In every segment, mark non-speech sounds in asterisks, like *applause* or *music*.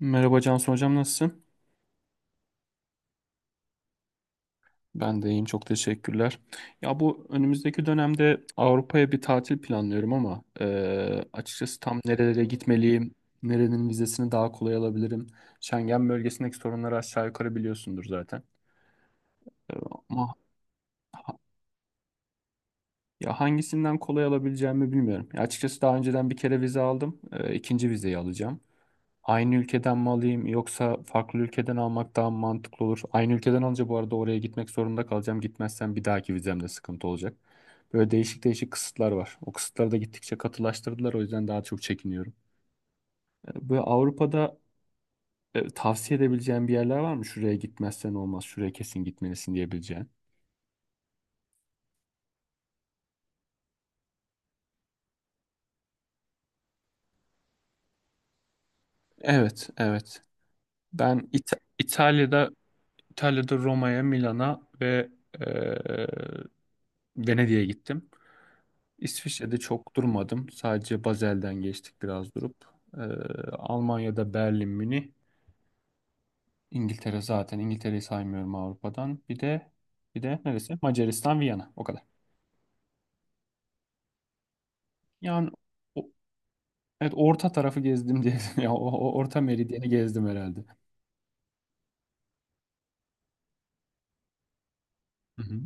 Merhaba Cansu Hocam nasılsın? Ben de iyiyim çok teşekkürler. Ya bu önümüzdeki dönemde Avrupa'ya bir tatil planlıyorum ama açıkçası tam nerelere gitmeliyim, nerenin vizesini daha kolay alabilirim. Schengen bölgesindeki sorunları aşağı yukarı biliyorsundur zaten. E, ama ha- Ya hangisinden kolay alabileceğimi bilmiyorum. Ya açıkçası daha önceden bir kere vize aldım, ikinci vizeyi alacağım. Aynı ülkeden mi alayım yoksa farklı ülkeden almak daha mı mantıklı olur? Aynı ülkeden alınca bu arada oraya gitmek zorunda kalacağım. Gitmezsem bir dahaki vizemde sıkıntı olacak. Böyle değişik değişik kısıtlar var. O kısıtları da gittikçe katılaştırdılar. O yüzden daha çok çekiniyorum. Böyle Avrupa'da tavsiye edebileceğin bir yerler var mı? Şuraya gitmezsen olmaz, şuraya kesin gitmelisin diyebileceğin. Evet, evet. Ben İtalya'da İtalya'da Roma'ya, Milan'a ve e, Venedik'e gittim. İsviçre'de çok durmadım. Sadece Basel'den geçtik biraz durup. Ee, Almanya'da Berlin, Münih. İngiltere zaten. İngiltere'yi saymıyorum Avrupa'dan. Bir de neresi? Macaristan, Viyana. O kadar. Yani o- evet orta tarafı gezdim diye. *laughs* Ya o orta meridyeni gezdim herhalde. Hı hı.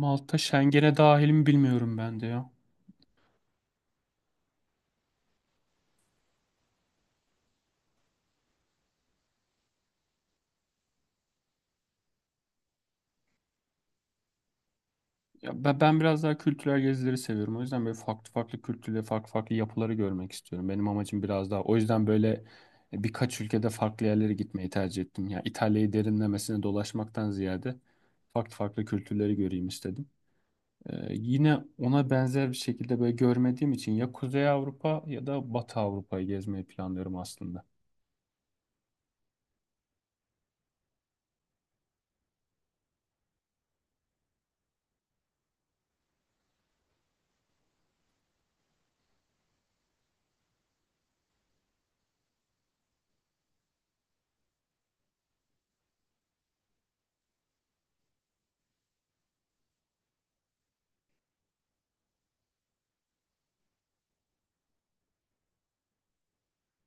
Malta Schengen'e dahil mi bilmiyorum ben de ya. Ben biraz daha kültürel gezileri seviyorum. O yüzden böyle farklı farklı kültürleri, farklı farklı yapıları görmek istiyorum. Benim amacım biraz daha. O yüzden böyle birkaç ülkede farklı yerlere gitmeyi tercih ettim. Ya İtalya'yı derinlemesine dolaşmaktan ziyade farklı farklı kültürleri göreyim istedim. Yine ona benzer bir şekilde böyle görmediğim için ya Kuzey Avrupa ya da Batı Avrupa'yı gezmeyi planlıyorum aslında.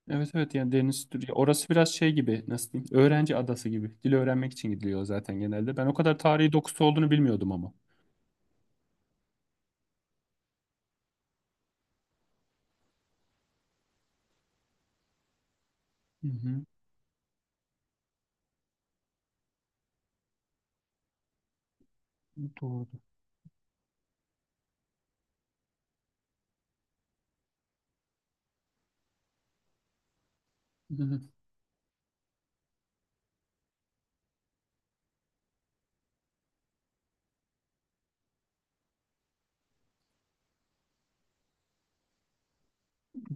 Evet evet, yani ya orası biraz şey gibi, nasıl diyeyim, öğrenci adası gibi. Dil öğrenmek için gidiliyor zaten genelde. Ben o kadar tarihi dokusu olduğunu bilmiyordum ama. Hı hı, doğru. Hı.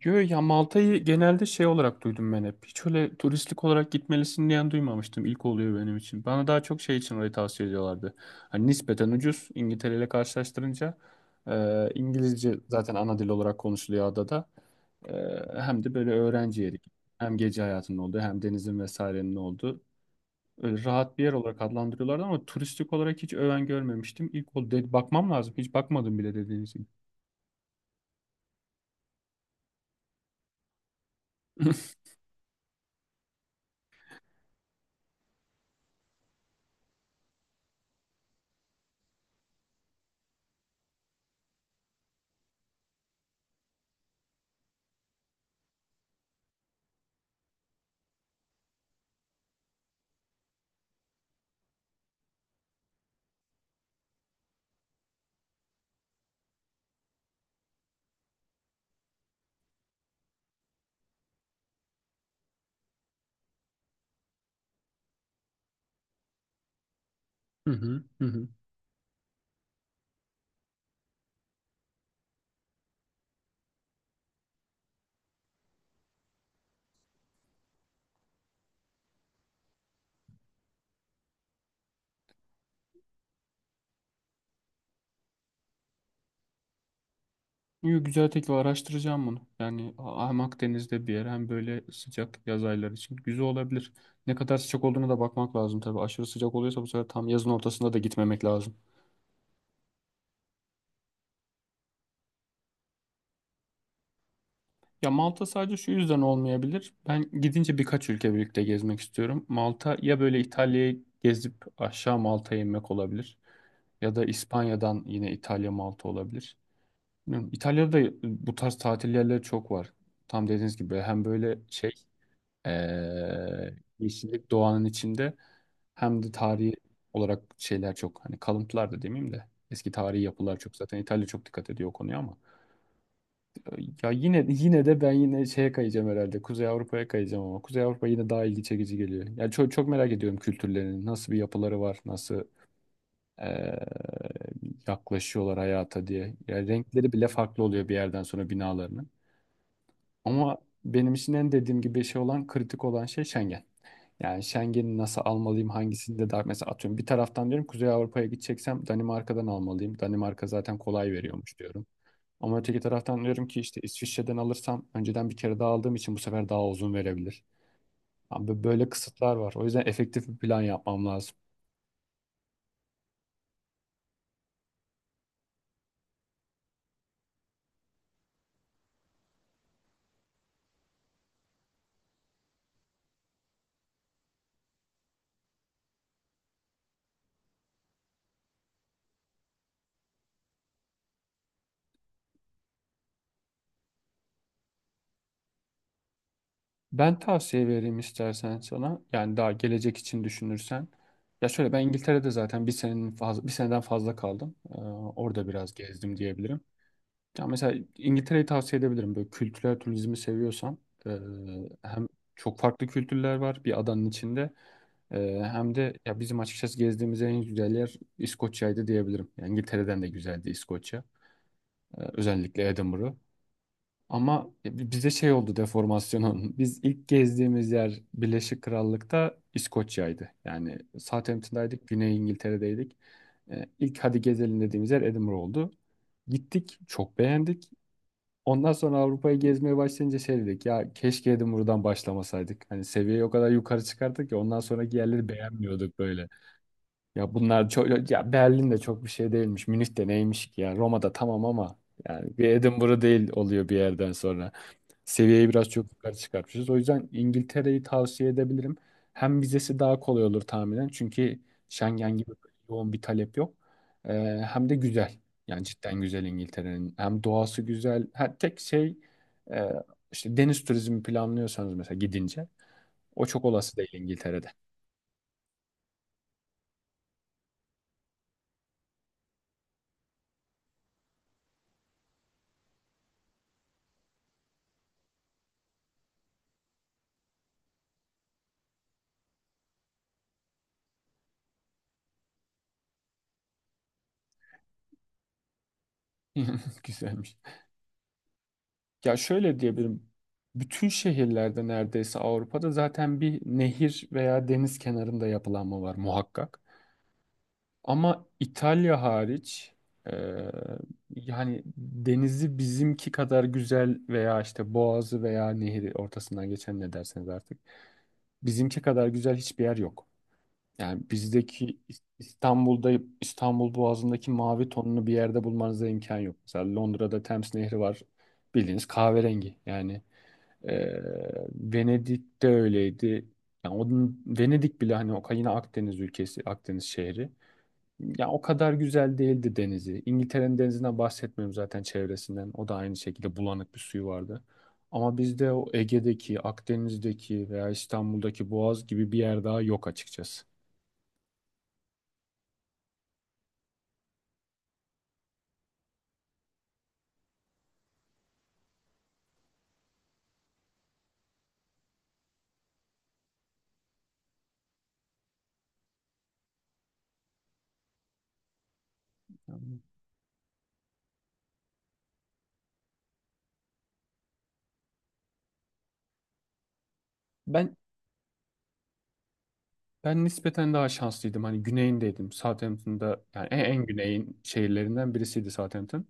Yo, ya Malta'yı genelde şey olarak duydum ben hep. Hiç öyle turistik olarak gitmelisin diyen duymamıştım. İlk oluyor benim için. Bana daha çok şey için orayı tavsiye ediyorlardı. Hani nispeten ucuz İngiltere ile karşılaştırınca. İngilizce zaten ana dil olarak konuşuluyor adada. E, Hem de böyle öğrenci yeri. Hem gece hayatının olduğu, hem denizin vesairenin olduğu. Öyle rahat bir yer olarak adlandırıyorlardı ama turistik olarak hiç öven görmemiştim. İlk oldu. Bakmam lazım. Hiç bakmadım bile dediğiniz gibi. *laughs* Hı hı, hı hı. Yo, güzel teklif, araştıracağım bunu. Yani hem Akdeniz'de bir yer, hem böyle sıcak yaz ayları için güzel olabilir. Ne kadar sıcak olduğuna da bakmak lazım tabii. Aşırı sıcak oluyorsa bu sefer tam yazın ortasında da gitmemek lazım. Ya Malta sadece şu yüzden olmayabilir. Ben gidince birkaç ülke birlikte gezmek istiyorum. Malta ya böyle İtalya'yı gezip aşağı Malta'ya inmek olabilir. Ya da İspanya'dan yine İtalya Malta olabilir. Bilmiyorum. İtalya'da bu tarz tatil yerleri çok var. Tam dediğiniz gibi hem böyle şey, yeşillik, doğanın içinde, hem de tarihi olarak şeyler çok, hani kalıntılar da demeyeyim de eski tarihi yapılar çok, zaten İtalya çok dikkat ediyor o konuya ama Ee, yine de ben yine şeye kayacağım herhalde, Kuzey Avrupa'ya kayacağım ama Kuzey Avrupa yine daha ilgi çekici geliyor. Yani çok çok merak ediyorum kültürlerini, nasıl bir yapıları var, nasıl ee, yaklaşıyorlar hayata diye. Yani renkleri bile farklı oluyor bir yerden sonra binalarının. Ama benim için en, dediğim gibi, şey olan, kritik olan şey Schengen. Yani Schengen'i nasıl almalıyım, hangisinde daha, mesela atıyorum, bir taraftan diyorum Kuzey Avrupa'ya gideceksem Danimarka'dan almalıyım. Danimarka zaten kolay veriyormuş diyorum. Ama öteki taraftan diyorum ki işte İsviçre'den alırsam, önceden bir kere daha aldığım için, bu sefer daha uzun verebilir. Abi böyle kısıtlar var. O yüzden efektif bir plan yapmam lazım. Ben tavsiye vereyim istersen sana. Yani daha gelecek için düşünürsen. Ya şöyle, ben İngiltere'de zaten bir seneden fazla kaldım. Orada biraz gezdim diyebilirim. Ya mesela İngiltere'yi tavsiye edebilirim. Böyle kültürel turizmi seviyorsan, eee, hem çok farklı kültürler var bir adanın içinde, hem de ya bizim açıkçası gezdiğimiz en güzel yer İskoçya'ydı diyebilirim. Yani İngiltere'den de güzeldi İskoçya. Özellikle Edinburgh. Ama bize şey oldu, deformasyonun. *laughs* Biz ilk gezdiğimiz yer Birleşik Krallık'ta İskoçya'ydı. Yani Southampton'daydık, Güney İngiltere'deydik. İlk hadi gezelim dediğimiz yer Edinburgh oldu. Gittik, çok beğendik. Ondan sonra Avrupa'yı gezmeye başlayınca şey dedik, ya keşke dedim buradan başlamasaydık. Hani seviyeyi o kadar yukarı çıkarttık ki ondan sonraki yerleri beğenmiyorduk böyle. Ya bunlar çok, ya Berlin de çok bir şey değilmiş. Münih de neymiş ki, ya Roma'da tamam ama yani bir Edinburgh değil oluyor bir yerden sonra. Seviyeye biraz çok yukarı çıkartmışız. O yüzden İngiltere'yi tavsiye edebilirim. Hem vizesi daha kolay olur tahminen. Çünkü Schengen gibi yoğun bir talep yok. Ee, Hem de güzel. Yani cidden güzel İngiltere'nin. Hem doğası güzel. Ha, tek şey, e, işte deniz turizmi planlıyorsanız mesela gidince, o çok olası değil İngiltere'de. *laughs* Güzelmiş. Ya şöyle diyebilirim. Bütün şehirlerde neredeyse Avrupa'da zaten bir nehir veya deniz kenarında yapılanma var muhakkak. Ama İtalya hariç, e, yani denizi bizimki kadar güzel, veya işte boğazı veya nehri ortasından geçen ne derseniz artık, bizimki kadar güzel hiçbir yer yok. Yani bizdeki, İstanbul'da İstanbul Boğazı'ndaki mavi tonunu bir yerde bulmanıza imkan yok. Mesela Londra'da Thames Nehri var, bildiğiniz kahverengi yani. e, Venedik'te öyleydi. Yani onun, Venedik bile hani o yine Akdeniz ülkesi, Akdeniz şehri. Ya o kadar güzel değildi denizi. İngiltere'nin denizinden bahsetmiyorum zaten, çevresinden. O da aynı şekilde bulanık bir suyu vardı. Ama bizde o Ege'deki, Akdeniz'deki veya İstanbul'daki Boğaz gibi bir yer daha yok açıkçası. Ben Ben nispeten daha şanslıydım. Hani güneyindeydim. Southampton'da, yani en, en güneyin şehirlerinden birisiydi Southampton.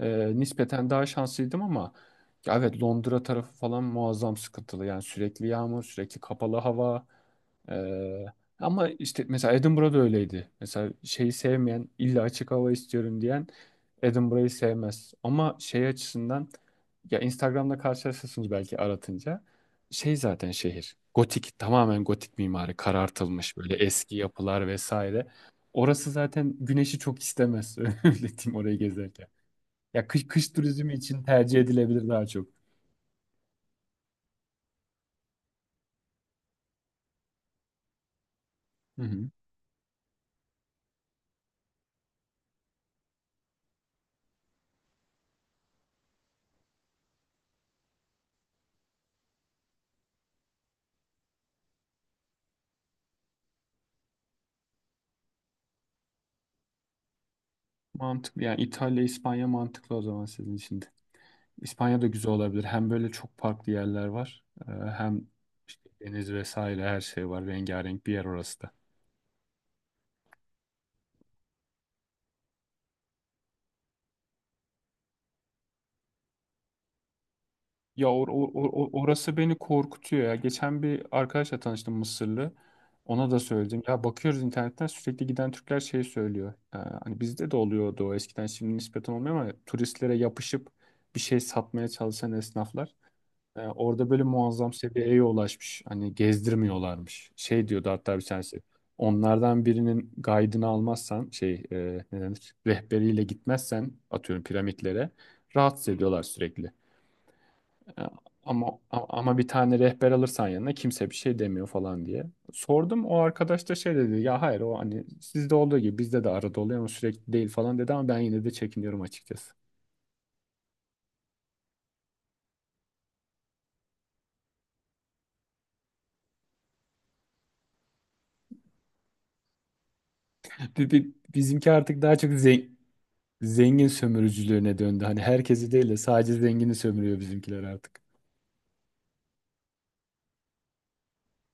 Nispeten daha şanslıydım ama ya evet, Londra tarafı falan muazzam sıkıntılı. Yani sürekli yağmur, sürekli kapalı hava. Ee, Ama işte mesela Edinburgh'da öyleydi. Mesela şeyi sevmeyen, illa açık hava istiyorum diyen Edinburgh'ı sevmez. Ama şey açısından, ya Instagram'da karşılaşırsınız belki aratınca, şey zaten şehir. Gotik, tamamen gotik mimari, karartılmış böyle eski yapılar vesaire. Orası zaten güneşi çok istemez. *laughs* Öyle diyeyim, orayı gezerken. Ya kış turizmi için tercih edilebilir daha çok. Hı hı. Mantıklı, yani İtalya, İspanya mantıklı o zaman sizin için de. İspanya da güzel olabilir. Hem böyle çok farklı yerler var. Hem işte deniz vesaire her şey var. Rengarenk bir yer orası da. Ya orası beni korkutuyor ya. Geçen bir arkadaşla tanıştım, Mısırlı. Ona da söyledim. Ya bakıyoruz internetten, sürekli giden Türkler şey söylüyor. Hani bizde de oluyordu o eskiden, şimdi nispeten olmuyor, ama turistlere yapışıp bir şey satmaya çalışan esnaflar. Orada böyle muazzam seviyeye ulaşmış. Hani gezdirmiyorlarmış. Şey diyordu hatta bir tanesi. Onlardan birinin guide'ını almazsan şey, ne denir, rehberiyle gitmezsen atıyorum piramitlere, rahatsız ediyorlar sürekli. Ya, Ama ama bir tane rehber alırsan yanına kimse bir şey demiyor falan diye. Sordum, o arkadaş da şey dedi, ya hayır o hani sizde olduğu gibi bizde de arada oluyor ama sürekli değil falan dedi, ama ben yine de çekiniyorum açıkçası. *laughs* Bizimki artık daha çok zengin sömürücülüğüne döndü. Hani herkesi değil de sadece zengini sömürüyor bizimkiler artık.